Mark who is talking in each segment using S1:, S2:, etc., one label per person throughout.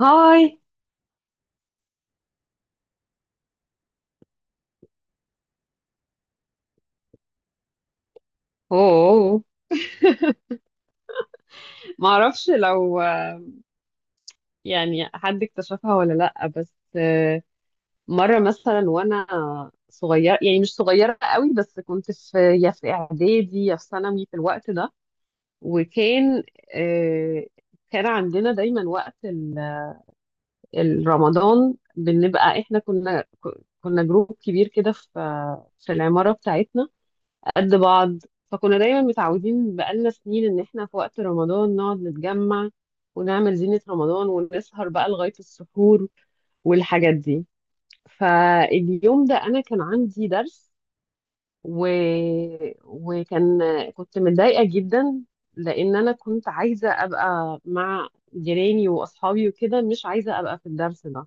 S1: هاي. اوه. ما اعرفش. لو يعني حد اكتشفها ولا لا، بس مرة مثلا وانا صغيرة، يعني مش صغيرة قوي، بس كنت يا في اعدادي يا في ثانوي في الوقت ده. وكان آه، كان عندنا دايما وقت الرمضان. بنبقى احنا كنا جروب كبير كده في العمارة بتاعتنا قد بعض. فكنا دايما متعودين بقالنا سنين ان احنا في وقت رمضان نقعد نتجمع ونعمل زينة رمضان ونسهر بقى لغاية السحور والحاجات دي. فاليوم ده انا كان عندي درس و... وكان كنت متضايقة جدا لان انا كنت عايزة ابقى مع جيراني واصحابي وكده، مش عايزة ابقى في الدرس ده.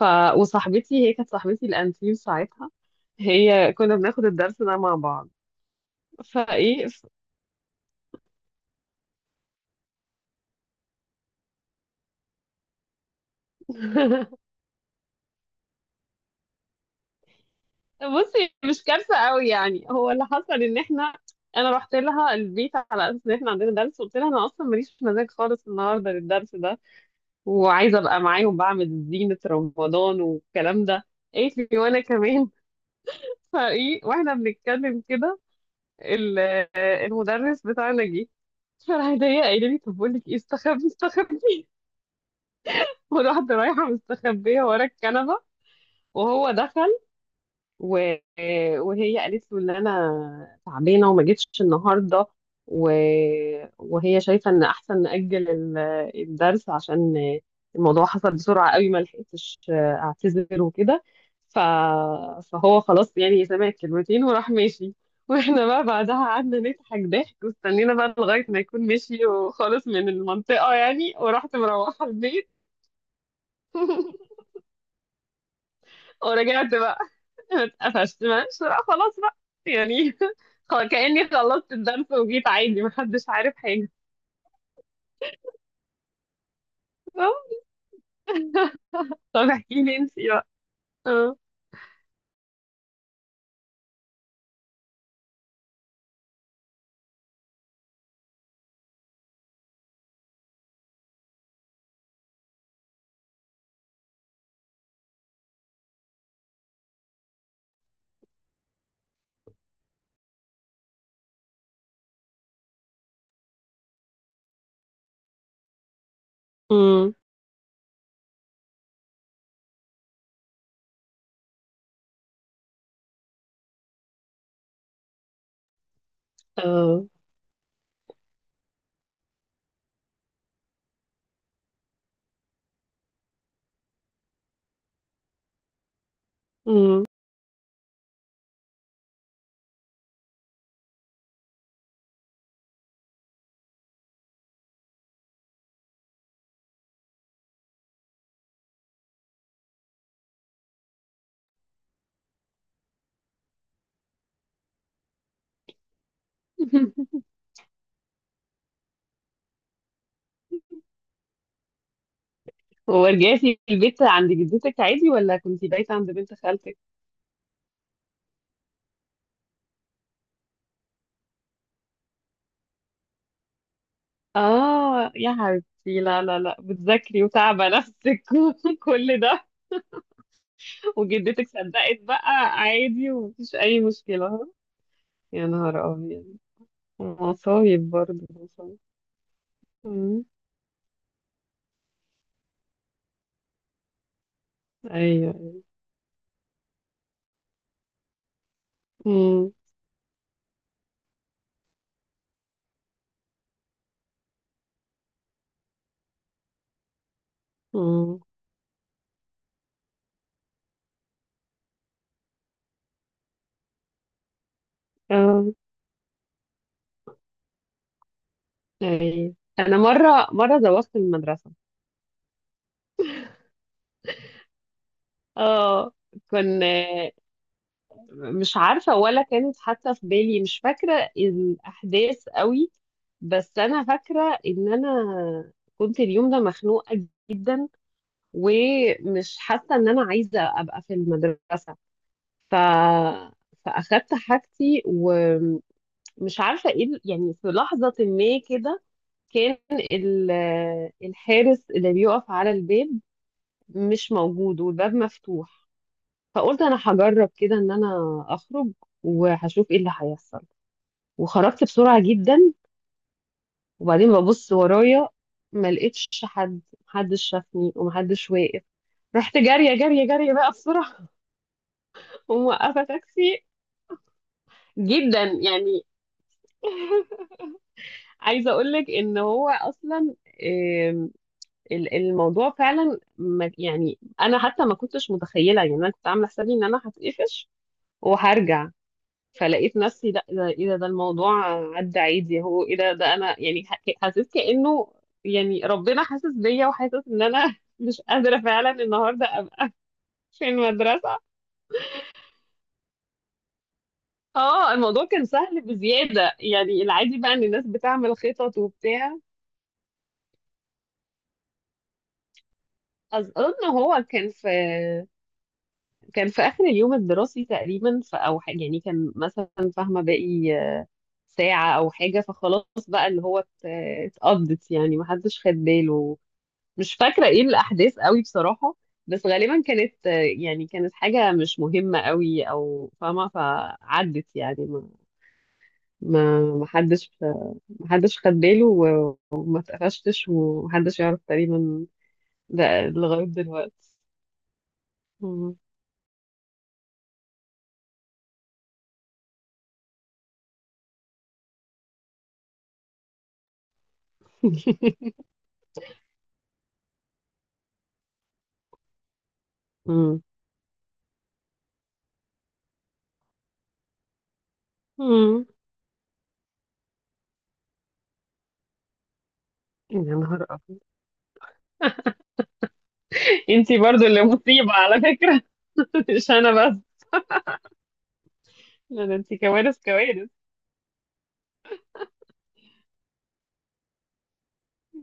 S1: ف... وصاحبتي، هي كانت صاحبتي الانتيم ساعتها. كنا بناخد الدرس ده مع بعض. فايه. بصي، مش كارثه قوي يعني. هو اللي حصل ان احنا انا رحت لها البيت على اساس ان احنا عندنا درس. وقلت لها انا اصلا ماليش مزاج خالص النهارده للدرس ده، وعايزه ابقى معاهم بعمل زينه رمضان والكلام ده. قالت لي وانا كمان. فايه، واحنا بنتكلم كده ال- المدرس بتاعنا جه. فراح ضايق قايله لي طب بقول لك ايه، استخبي استخبي. والواحده رايحه مستخبيه ورا الكنبه وهو دخل و- وهي قالت له ان انا تعبانه وما جيتش النهارده. و... وهي شايفه ان احسن ناجل الدرس عشان الموضوع حصل بسرعه قوي، ما لحقتش اعتذر وكده. ف... فهو خلاص يعني سمع الكلمتين وراح ماشي. واحنا بقى بعدها قعدنا نضحك ضحك، واستنينا بقى لغايه ما يكون مشي وخالص من المنطقه يعني، ورحت مروحه البيت. ورجعت بقى. اتقفشت؟ ماشي، لا خلاص بقى يعني. خلاص، كأني خلصت الدرس وجيت عادي محدش عارف حاجة. طب احكي لي انت بقى. اه. امم. اه. امم. ورجعتي البيت عند جدتك عادي ولا كنتي بايتة عند بنت خالتك؟ اه يا حبيبتي، لا لا لا، بتذاكري وتعبة نفسك. وكل ده. وجدتك صدقت بقى، عادي ومفيش أي مشكلة، ها؟ يا نهار أبيض، مصايب برضه مصايب. أمم. أيوه، أيوه. مم. اه، ايوه. انا مره زوغت من المدرسه. اه. كان آه، مش عارفه. ولا كانت حتى في بالي، مش فاكره الاحداث قوي. بس انا فاكره ان انا كنت اليوم ده مخنوقه جدا، ومش حاسه ان انا عايزه ابقى في المدرسه. ف فاخدت حاجتي، ومش عارفه ايه يعني في لحظه ما كده كان ال- الحارس اللي بيقف على الباب مش موجود، والباب مفتوح. فقلت انا هجرب كده ان انا اخرج، وهشوف ايه اللي هيحصل. وخرجت بسرعة جدا، وبعدين ببص ورايا، ما لقيتش حد. محدش شافني ومحدش واقف، رحت جارية جارية جارية بقى بسرعة. وموقفة تاكسي. جدا يعني. عايزة اقولك ان هو اصلا، آم، الموضوع فعلا، يعني انا حتى ما كنتش متخيلة، يعني انا كنت عاملة حسابي ان انا هتقفش وهرجع. فلقيت نفسي، لا، ده ايه ده الموضوع عدى عادي. هو ايه ده انا يعني حسيت كأنه يعني ربنا حاسس بيا، وحاسس ان انا مش قادرة فعلا النهارده ابقى في المدرسة. اه الموضوع كان سهل بزيادة يعني، العادي بقى ان الناس بتعمل خطط وبتاع. اظن هو كان في اخر اليوم الدراسي تقريبا، او حاجة يعني. كان مثلا فاهمة باقي ساعة او حاجة، فخلاص بقى اللي هو اتقضت يعني، محدش خد باله. مش فاكرة ايه الأحداث قوي بصراحة، بس غالبا كانت يعني كانت حاجة مش مهمة قوي، أو فاهمة فعدت يعني. ما ما حدش ما حدش خد باله وما اتقفشتش ومحدش يعرف تقريبا، ده لغاية دلوقتي. مم. مم. مم. يا نهار أبيض. انتي برضو اللي مصيبة على فكرة. مش أنا بس، ده انتي كوارث كوارث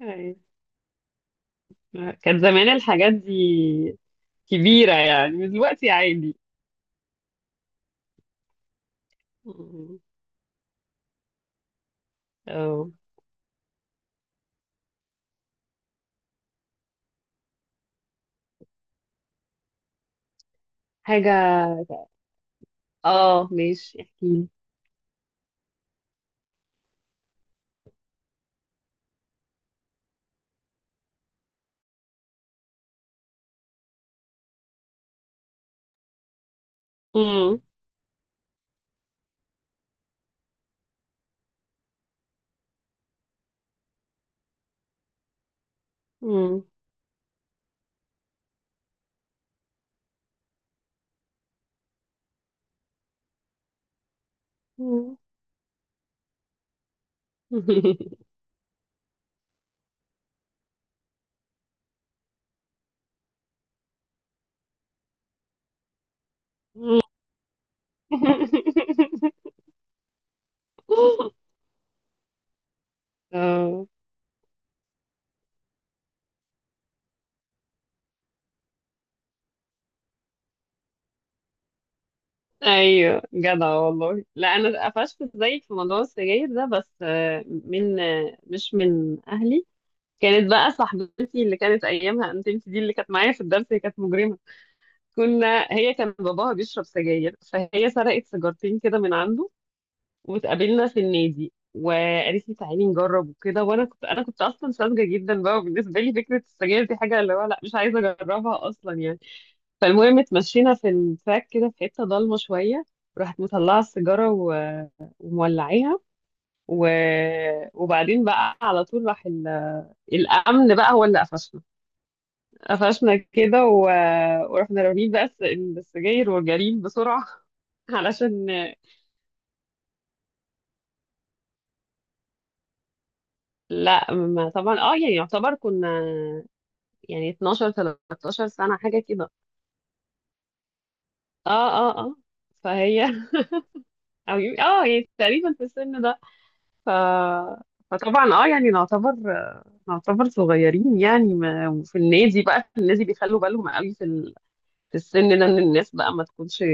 S1: يعني. كان زمان الحاجات دي كبيرة يعني، دلوقتي عادي. مم. اه. حاجة. اه ماشي، احكيلي. مم. مم. مم. اه، ايوه جدع والله. لا، انا قفشت زيك في موضوع السجاير ده، بس من مش من اهلي. كانت بقى صاحبتي اللي كانت ايامها، انت دي اللي كانت معايا في الدرس، هي كانت مجرمه. هي كان باباها بيشرب سجاير، فهي سرقت سيجارتين كده من عنده. واتقابلنا في النادي، وقالت لي تعالي نجرب وكده. وانا كنت اصلا ساذجه جدا بقى. وبالنسبه لي فكره السجاير دي حاجه اللي هو لا، مش عايزه اجربها اصلا يعني. فالمهم اتمشينا في التراك كده في حته ضلمه شويه، راحت مطلعه السيجاره ومولعيها. و... وبعدين بقى على طول راح الامن بقى هو اللي قفشنا كده. ورحنا رامين بقى السجاير وجارين بسرعه. علشان. لا، ما طبعا. اه يعني يعتبر كنا يعني 12 13 سنة حاجة كده. اه اه اه. فهي. او اه يعني تقريبا في السن ده. ف فطبعا اه يعني، نعتبر صغيرين يعني. ما في النادي بيخلوا بالهم قوي في في السن ده، ان الناس بقى ما تكونش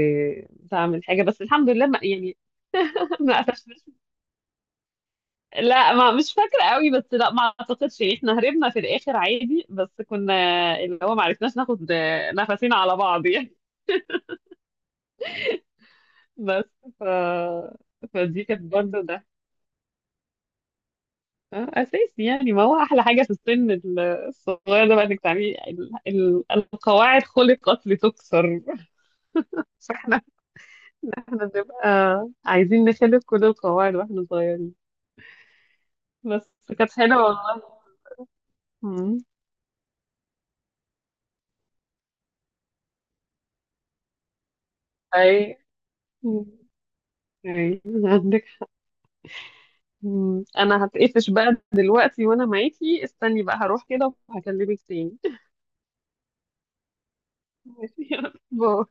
S1: بتعمل حاجة، بس الحمد لله ما يعني. ما قفشناش. لا، ما مش فاكرة قوي، بس لا، ما اعتقدش يعني، احنا هربنا في الاخر عادي. بس كنا اللي هو ما عرفناش ناخد نفسنا على بعض يعني. بس. ف... فدي كانت برضه ده اساسي يعني. ما هو احلى حاجه في السن الصغير ده بقى، انك تعملي القواعد خلقت لتكسر. فاحنا بنبقى عايزين نخلق كل القواعد واحنا صغيرين. بس كانت حلوه والله. مم. اي. مم. اي، عندك. مم. انا هتقفش بقى دلوقتي وانا معاكي، استني بقى هروح كده وهكلمك تاني. ماشي يلا. باي.